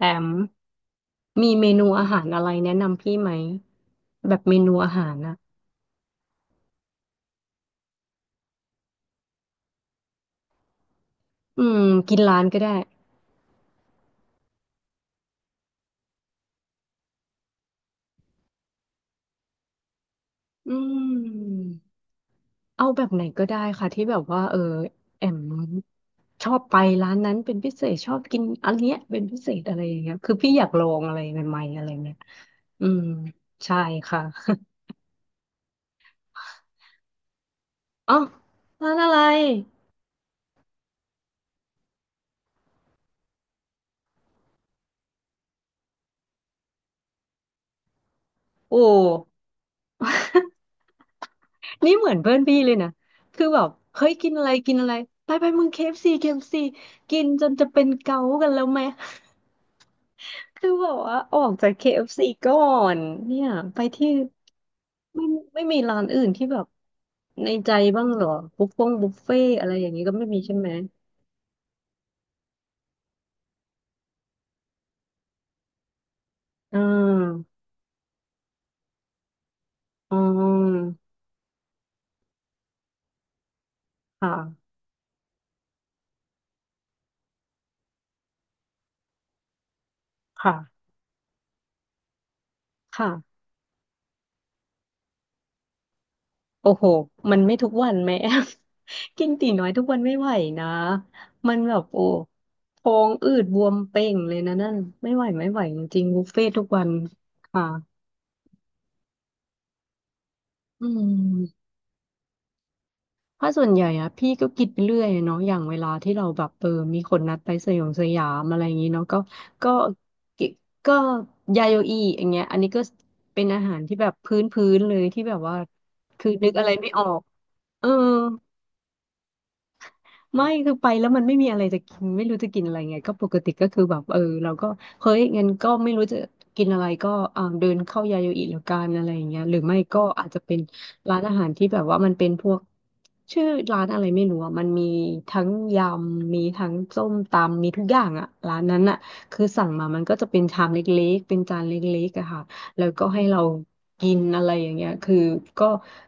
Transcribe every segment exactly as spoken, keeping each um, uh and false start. แอมมีเมนูอาหารอะไรแนะนำพี่ไหมแบบเมนูอาหารนะอืมกินร้านก็ได้อืมเอาแบบไหนก็ได้ค่ะที่แบบว่าเออแอมชอบไปร้านนั้นเป็นพิเศษชอบกินอันเนี้ยเป็นพิเศษอะไรอย่างเงี้ยคือพี่อยากลองอะไรใหม่ๆอะไรเงี้ยอืมใช่ค่ะ อ๋อร้านอะไรโอ้ นี่เหมือนเพื่อนพี่เลยนะคือแบบเฮ้ยกินอะไรกินอะไรไปไปมึง k เ c ฟซีเคเอฟซีกินจนจะเป็นเกากันแล้วไหม คือแบบว่าออกจาก เค เอฟ ซี ก่อนเนี่ยไปที่ไม่ไม่มีร้านอื่นที่แบบในใจบ้างเหรอบุฟเฟ่งบุฟเฟ่อะไรอย่างนี้ก็ไม่มีใช่ไหมอ่าอ๋อค่ะค่ะค่ะโอ้โหมันไม่ทุกวันแม่ กินตีน้อยทุกวันไม่ไหวนะมันแบบโอ้ท้องอืดบวมเป่งเลยนะนั่นไม่ไหวไม่ไหวจริงๆบุฟเฟ่ทุกวันค่ะอืม เพราะส่วนใหญ่อะพี่ก็คิดไปเรื่อยอะเนาะอย่างเวลาที่เราแบบเออมีคนนัดไปสยองสยามอะไรอย่างนี้เนาะก็ก็ก็ก็ยาโยอีอย่างเงี้ยอันนี้ก็เป็นอาหารที่แบบพื้นพื้นเลยที่แบบว่าคือนึกอะไรไม่ออกเออ ไม่คือไปแล้วมันไม่มีอะไรจะกินไม่รู้จะกินอะไรไงก็ปกติก็คือแบบเออเราก็เฮ้ยงั้นก็ไม่รู้จะกินอะไรก็อ่าเดินเข้ายาโยอิแล้วกันอะไรอย่างเงี้ยหรือไม่ก็อาจจะเป็นร้านอาหารที่แบบว่ามันเป็นพวกชื่อร้านอะไรไม่รู้อ่ะมันมีทั้งยำมีทั้งส้มตำมีทุกอย่างอ่ะร้านนั้นอ่ะคือสั่งมามันก็จะเป็นชามเล็กๆเป็นจานเล็กๆอะค่ะแล้วก็ให้เรากินอะไรอย่างเงี้ยคือก็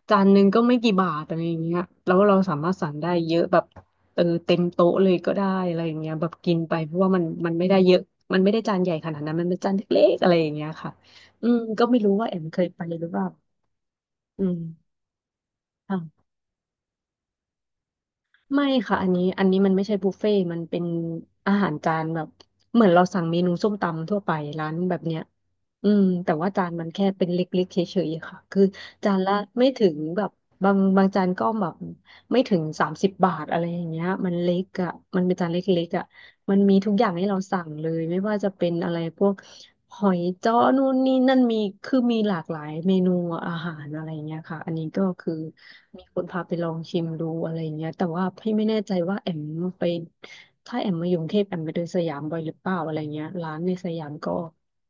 จานหนึ่งก็ไม่กี่บาทอะไรอย่างเงี้ยแล้วเราสามารถสั่งได้เยอะแบบ เออเต็มโต๊ะเลยก็ได้อะไรอย่างเงี้ยแบบกินไปเพราะว่ามันมันไม่ได้เยอะมันไม่ได้จานใหญ่ขนาดนั้นมันเป็นจานเล็กๆอะไรอย่างเงี้ยค่ะอืมก็ไม่รู้ว่าแอมเคยไปหรือเปล่าอืมค่ะไม่ค่ะอันนี้อันนี้มันไม่ใช่บุฟเฟ่ต์มันเป็นอาหารจานแบบเหมือนเราสั่งเมนูส้มตำทั่วไปร้านแบบเนี้ยอืมแต่ว่าจานมันแค่เป็นเล็กๆเฉยๆค่ะคือจานละไม่ถึงแบบบางบางจานก็แบบไม่ถึงสามสิบบาทอะไรอย่างเงี้ยมันเล็กอ่ะมันเป็นจานเล็กๆอ่ะ มันมีทุกอย่างให้เราสั่งเลยไม่ว่าจะเป็นอะไรพวกหอยจ้อนู่นนี่นั่นมีคือมีหลากหลายเมนูอาหารอะไรเงี้ยค่ะอันนี้ก็คือมีคนพาไปลองชิมดูอะไรเงี้ยแต่ว่าพี่ไม่แน่ใจว่าแอมไปถ้าแอมมาอยู่กรุงเทพแอมไปเดินสยามบ่อยหรือเปล่าอะไรเงี้ยร้านในสยามก็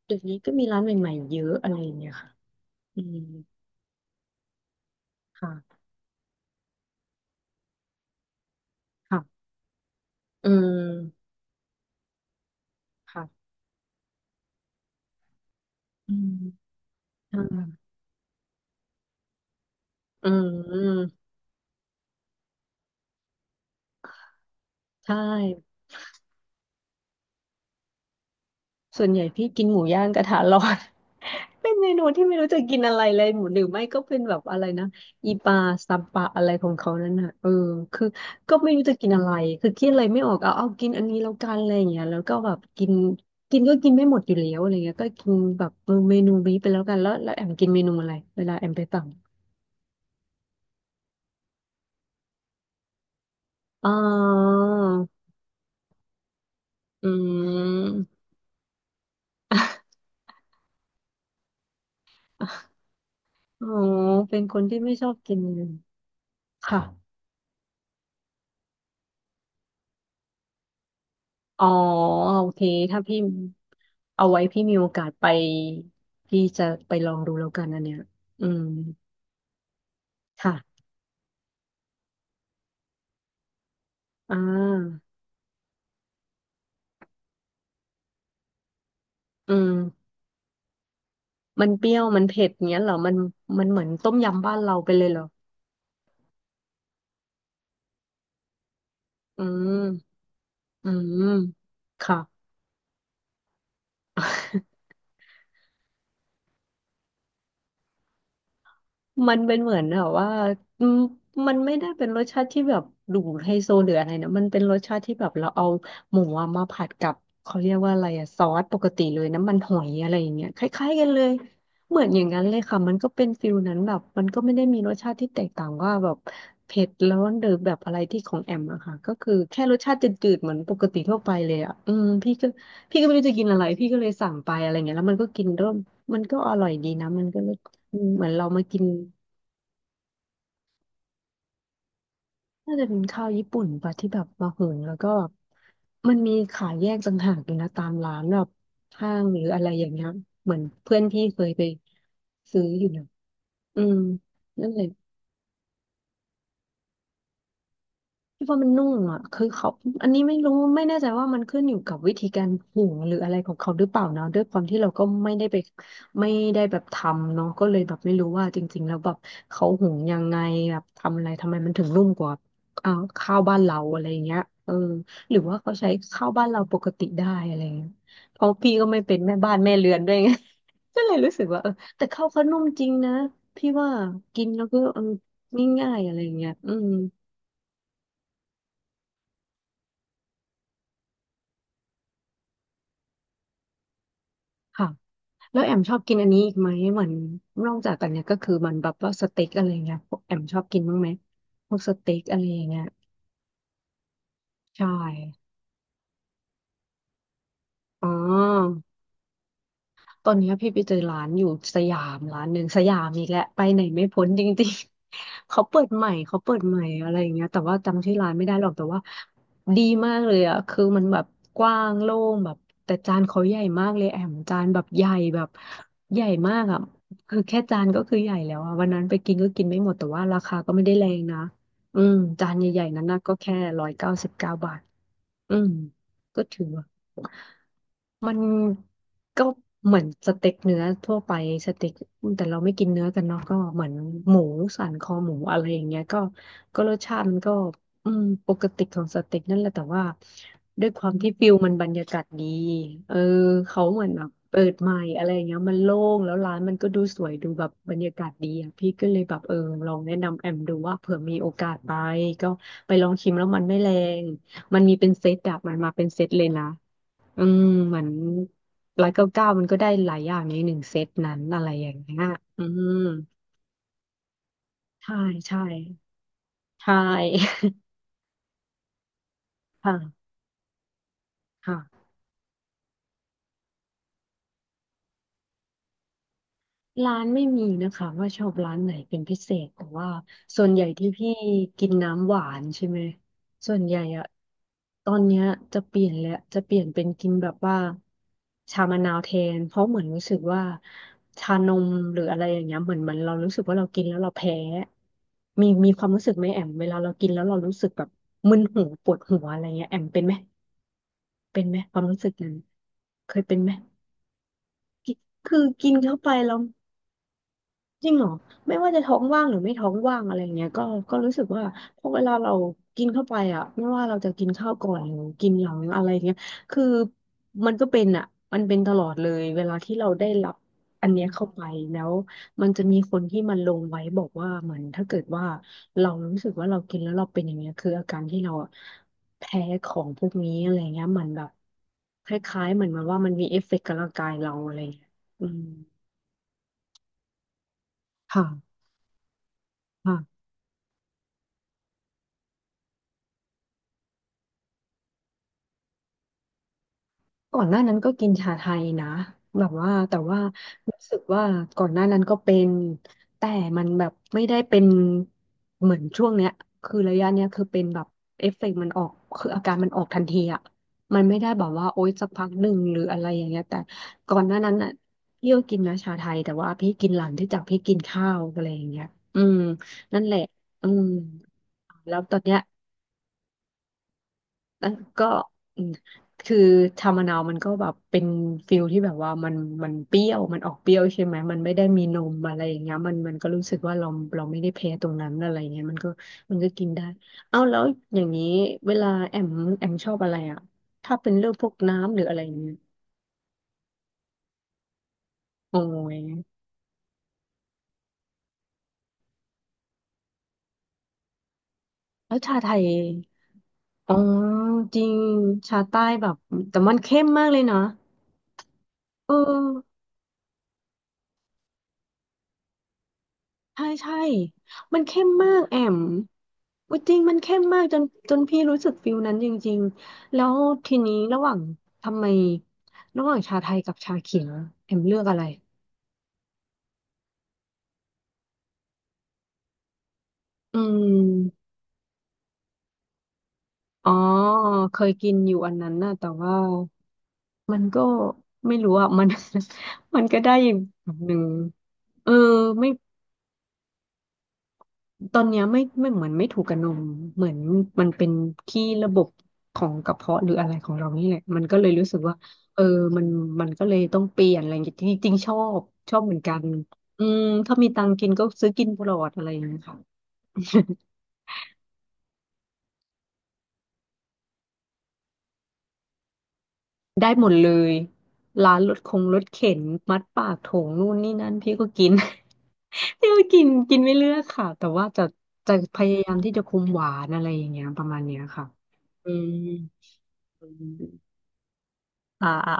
เดี๋ยวนี้ก็มีร้านใหม่ๆเยอะอะไรเงี้ยค่ะอืมค่ะค่ะอืมค่ะอืมอ่าอืมใช่ ส่วนใหญ่พี่กินหมูย่างกระทะร้อน เป็นเมนูที่ไม่รู้จะกินอะไรเลยหมูหรือไม่ก็เป็นแบบอะไรนะอีปลาซัมปะอะไรของเขานั่นน่ะเออคือก็ไม่รู้จะกินอะไรคือคิดอะไรไม่ออกเอาเอากินอันนี้แล้วกันอะไรอย่างเงี้ยแล้วก็แบบกินกินก็กินไม่หมดอยู่แล้วอะไรเงี้ยก็กินแบบเออเมนูนี้ไปแล้วกันแล้วแล้วแอมกินเมนูอะไรเวลาแอมไปสั่งอ๋ออืม อ๋อเป็นคนที่ไม่ชอบกินเลยค่ะอ๋อโอเคถ้าพี่ เอาไว้พี่มีโอกาสไปพี่จะไปลองดูแล้วกันอันเนี้ยอืม ค่ะอ่าอืม มันเปรี้ยวมันเผ็ดเงี้ยเหรอมันมันเหมือนต้มยำบ้านเราไปเลยเหรอ อืม อืม ค่ะ มันเป็นเหมือนแบบว่าอืมมันไม่ได้เป็นรสชาติที่แบบดูไฮโซหรืออะไรนะมันเป็นรสชาติที่แบบเราเอาหมูอะมาผัดกับเขาเรียกว่าอะไรอะซอสปกติเลยน้ำมันหอยอะไรอย่างเงี้ยคล้ายๆกันเลยเหมือนอย่างนั้นเลยค่ะมันก็เป็นฟิลนั้นแบบมันก็ไม่ได้มีรสชาติที่แตกต่างว่าแบบเผ็ดร้อนหรือแบบอะไรที่ของแอมอะค่ะก็คือแค่รสชาติจืดๆเหมือนปกติทั่วไปเลยอะอืมพี่ก็พี่ก็ไม่รู้จะกินอะไรพี่ก็เลยสั่งไปอะไรเงี้ยแล้วมันก็กินเริ่มมันก็อร่อยดีนะมันก็เลยอืมเหมือนเรามากิน น่าจะเป็นข้าวญี่ปุ่นปะที่แบบมาเหินแล้วก็แบบมันมีขายแยกต่างหากอยู่นะตามร้านแบบห้างหรืออะไรอย่างเงี้ยเหมือนเพื่อนพี่เคยไปซื้ออยู่นะอืมนั่นเลย คิดว่ามันนุ่มอ่ะคือเขาอันนี้ไม่รู้ไม่แน่ใจว่ามันขึ้นอยู่กับวิธีการหุงหรืออะไรของเขาหรือเปล่านะด้วยความที่เราก็ไม่ได้ไปไม่ได้แบบทำเนาะก็เลยแบบไม่รู้ว่าจริงๆแล้วแบบเขาหุงยังไงแบบทำอะไรทำไมมันถึงนุ่มกว่าอ่าข้าวบ้านเราอะไรอย่างเงี้ยเออหรือว่าเขาใช้ข้าวบ้านเราปกติได้อะไรอย่างเงี้ยเพราะพี่ก็ไม่เป็นแม่บ้านแม่เรือนด้วยไง ก็เลยรู้สึกว่าเออแต่ข้าวเขานุ่มจริงนะพี่ว่ากินแล้วก็เออง่ายๆอะไรอย่างเงี้ยอืมค่ะ แล้วแอมชอบกินอันนี้อีกไหมเหมือนนอกจากอันเนี้ยก็คือมันแบบว่าสเต็กอะไรเงี้ยพวกแอมชอบกินบ้างไหมพวกสเต็กอะไรอย่างเงี้ยใช่อ๋อ ตอนเนี้ยพี่ไปเจอร้านอยู่สยามร้านหนึ่งสยามอีกแล้วไปไหนไม่พ้นจริงๆ เขาเปิดใหม่เขาเปิดใหม่อะไรอย่างเงี้ยแต่ว่าจำชื่อร้านไม่ได้หรอกแต่ว่าดีมากเลยอ่ะคือมันแบบกว้างโล่งแบบแต่จานเขาใหญ่มากเลยแอมจานแบบใหญ่แบบใหญ่มากอ่ะคือแค่จานก็คือใหญ่แล้วอ่ะวันนั้นไปกินก็กินไม่หมดแต่ว่าราคาก็ไม่ได้แรงนะอืมจานใหญ่ๆนั้นนะก็แค่ร้อยเก้าสิบเก้าบาท อืมก็ถือว่ามันก็เหมือนสเต็กเนื้อทั่วไปสเต็กแต่เราไม่กินเนื้อกันเนาะก็เหมือนหมูสันคอหมูอะไรอย่างเงี้ยก็ก็รสชาติมันก็อืมปกติของสเต็กนั่นแหละแต่ว่าด้วยความที่ฟิลมันบรรยากาศดีเออเขาเหมือนแบบเปิดใหม่อะไรอย่างเงี้ยมันโล่งแล้วร้านมันก็ดูสวยดูแบบบรรยากาศดีอ่ะพี่ก็เลยแบบเออลองแนะนำแอมดูว่าเผื่อมีโอกาสไปก็ไปลองชิมแล้วมันไม่แรง มันมีเป็นเซตอะมันมาเป็นเซตเลยนะ อืมเหมือนร้อยเก้าเก้ามันก็ได้หลายอย่างในหนึ่งเซตนั้นอะไรอย่างเงี้ยอืม ใช่ ใช่ ใช่ ค่ะค่ะ ร้านไม่มีนะคะว่าชอบร้านไหนเป็นพิเศษแต่ว่าส่วนใหญ่ที่พี่กินน้ำหวานใช่ไหมส่วนใหญ่อะตอนเนี้ยจะเปลี่ยนแล้วจะเปลี่ยนเป็นกินแบบว่าชามะนาวแทนเพราะเหมือนรู้สึกว่าชานมหรืออะไรอย่างเงี้ยเหมือนเมันเรารู้สึกว่าเรากินแล้วเราแพ้มีมีความรู้สึกไหมแอมเวลาเรากินแล้วเรารู้สึกแบบมึนหัวปวดหัวอะไรเงี้ยแอมเป็นไหมเป็นไหมความรู้สึกนั้นเคยเป็นไหมคือกินเข้าไปแล้ว จริงเหรอไม่ว่าจะท้องว่างหรือไม่ท้องว่างอะไรเงี้ยก็ก็รู้สึกว่าพอเวลาเรากินเข้าไปอ่ะไม่ว่าเราจะกินข้าวก่อนหรือกินหลังอะไรเงี้ยคือมันก็เป็นอ่ะมันเป็นตลอดเลยเวลาที่เราได้รับอันเนี้ยเข้าไปแล้วมันจะมีคนที่มันลงไว้บอกว่าเหมือนถ้าเกิดว่าเรารู้สึกว่าเรากินแล้วเราเป็นอย่างเงี้ยคืออาการที่เราอะแพ้ของพวกนี้อะไรเงี้ยเหมือนแบบคล้ายๆเหมือนมันว่ามันมีเอฟเฟกต์กับร่างกายเราอะไรเงี้ยอืมค่ะค่ะ ก่อนหน้านั้นก็กินชาไทยนะแบบว่าแต่ว่ารู้สึกว่าก่อนหน้านั้นก็เป็นแต่มันแบบไม่ได้เป็นเหมือนช่วงเนี้ยคือระยะเนี้ยคือเป็นแบบเอฟเฟกต์มันออกคืออาการมันออกทันทีอะมันไม่ได้แบบว่าโอ๊ยสักพักหนึ่งหรืออะไรอย่างเงี้ยแต่ก่อนหน้านั้นอ่ะพี่ก็กินนะชาไทยแต่ว่าพี่กินหลังที่จากพี่กินข้าวอะไรอย่างเงี้ยอืมนั่นแหละอืมแล้วตอนเนี้ย แล้วก็อืมคือชามะนาวมันก็แบบเป็นฟิลที่แบบว่ามันมันเปรี้ยวมันออกเปรี้ยวใช่ไหมมันไม่ได้มีนมอะไรอย่างเงี้ยมันมันก็รู้สึกว่าเราเราไม่ได้แพ้ตรงนั้นอะไรเงี้ยมันก็มันก็กินได้เอาแล้วอย่างนี้เวลาแอมแอมชอบอะไรอ่ะถ้าเป็นเรื่องพวกน้ำหรืออะไรอย่างเงี้ยโอ้ยแล้วชาไทยอ๋อจริงชาใต้แบบแต่มันเข้มมากเลยนะเออใช่ใช่มันเข้มมากแอม อุ๊ยจริงมันเข้มมากจนจนพี่รู้สึกฟิลนั้นจริงๆแล้วทีนี้ระหว่างทำไมระหว่างชาไทยกับชาเขียวเอ็มเลือกอะไรอืมอ๋อเคยกินอยู่อันนั้นนะแต่ว่ามันก็ไม่รู้อ่ะมัน มันก็ได้อย่างแบบหนึ่งเออไม่ ตอนเนี้ยไม่ไม่เหมือนไม่ถูกกับนมเหมือนมันเป็นที่ระบบของกระเพาะหรืออะไรของเรานี่แหละมันก็เลยรู้สึกว่าเออมันมันก็เลยต้องเปลี่ยนอะไรอย่างเงี้ยจริงๆชอบชอบเหมือนกันอืมถ้ามีตังค์กินก็ซื้อกินตลอดอะไรอย่างเงี้ยค่ะ ได้หมดเลยร้านรถคงรถเข็นมัดปากโถงนู่นนี่นั่นพี่ก็กิน พี่ก็กินกินไม่เลือกค่ะแต่ว่าจะจะพยายามที่จะคุมหวานอะไรอย่างเงี้ยประมาณเนี้ยค่ะอืมอ่าอ่า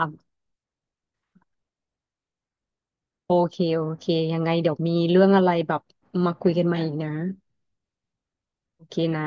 โอเค โอเค ยังไงเดี๋ยวมีเรื่องอะไรแบบมาคุยกันใหม่อีกนะ โอเคนะ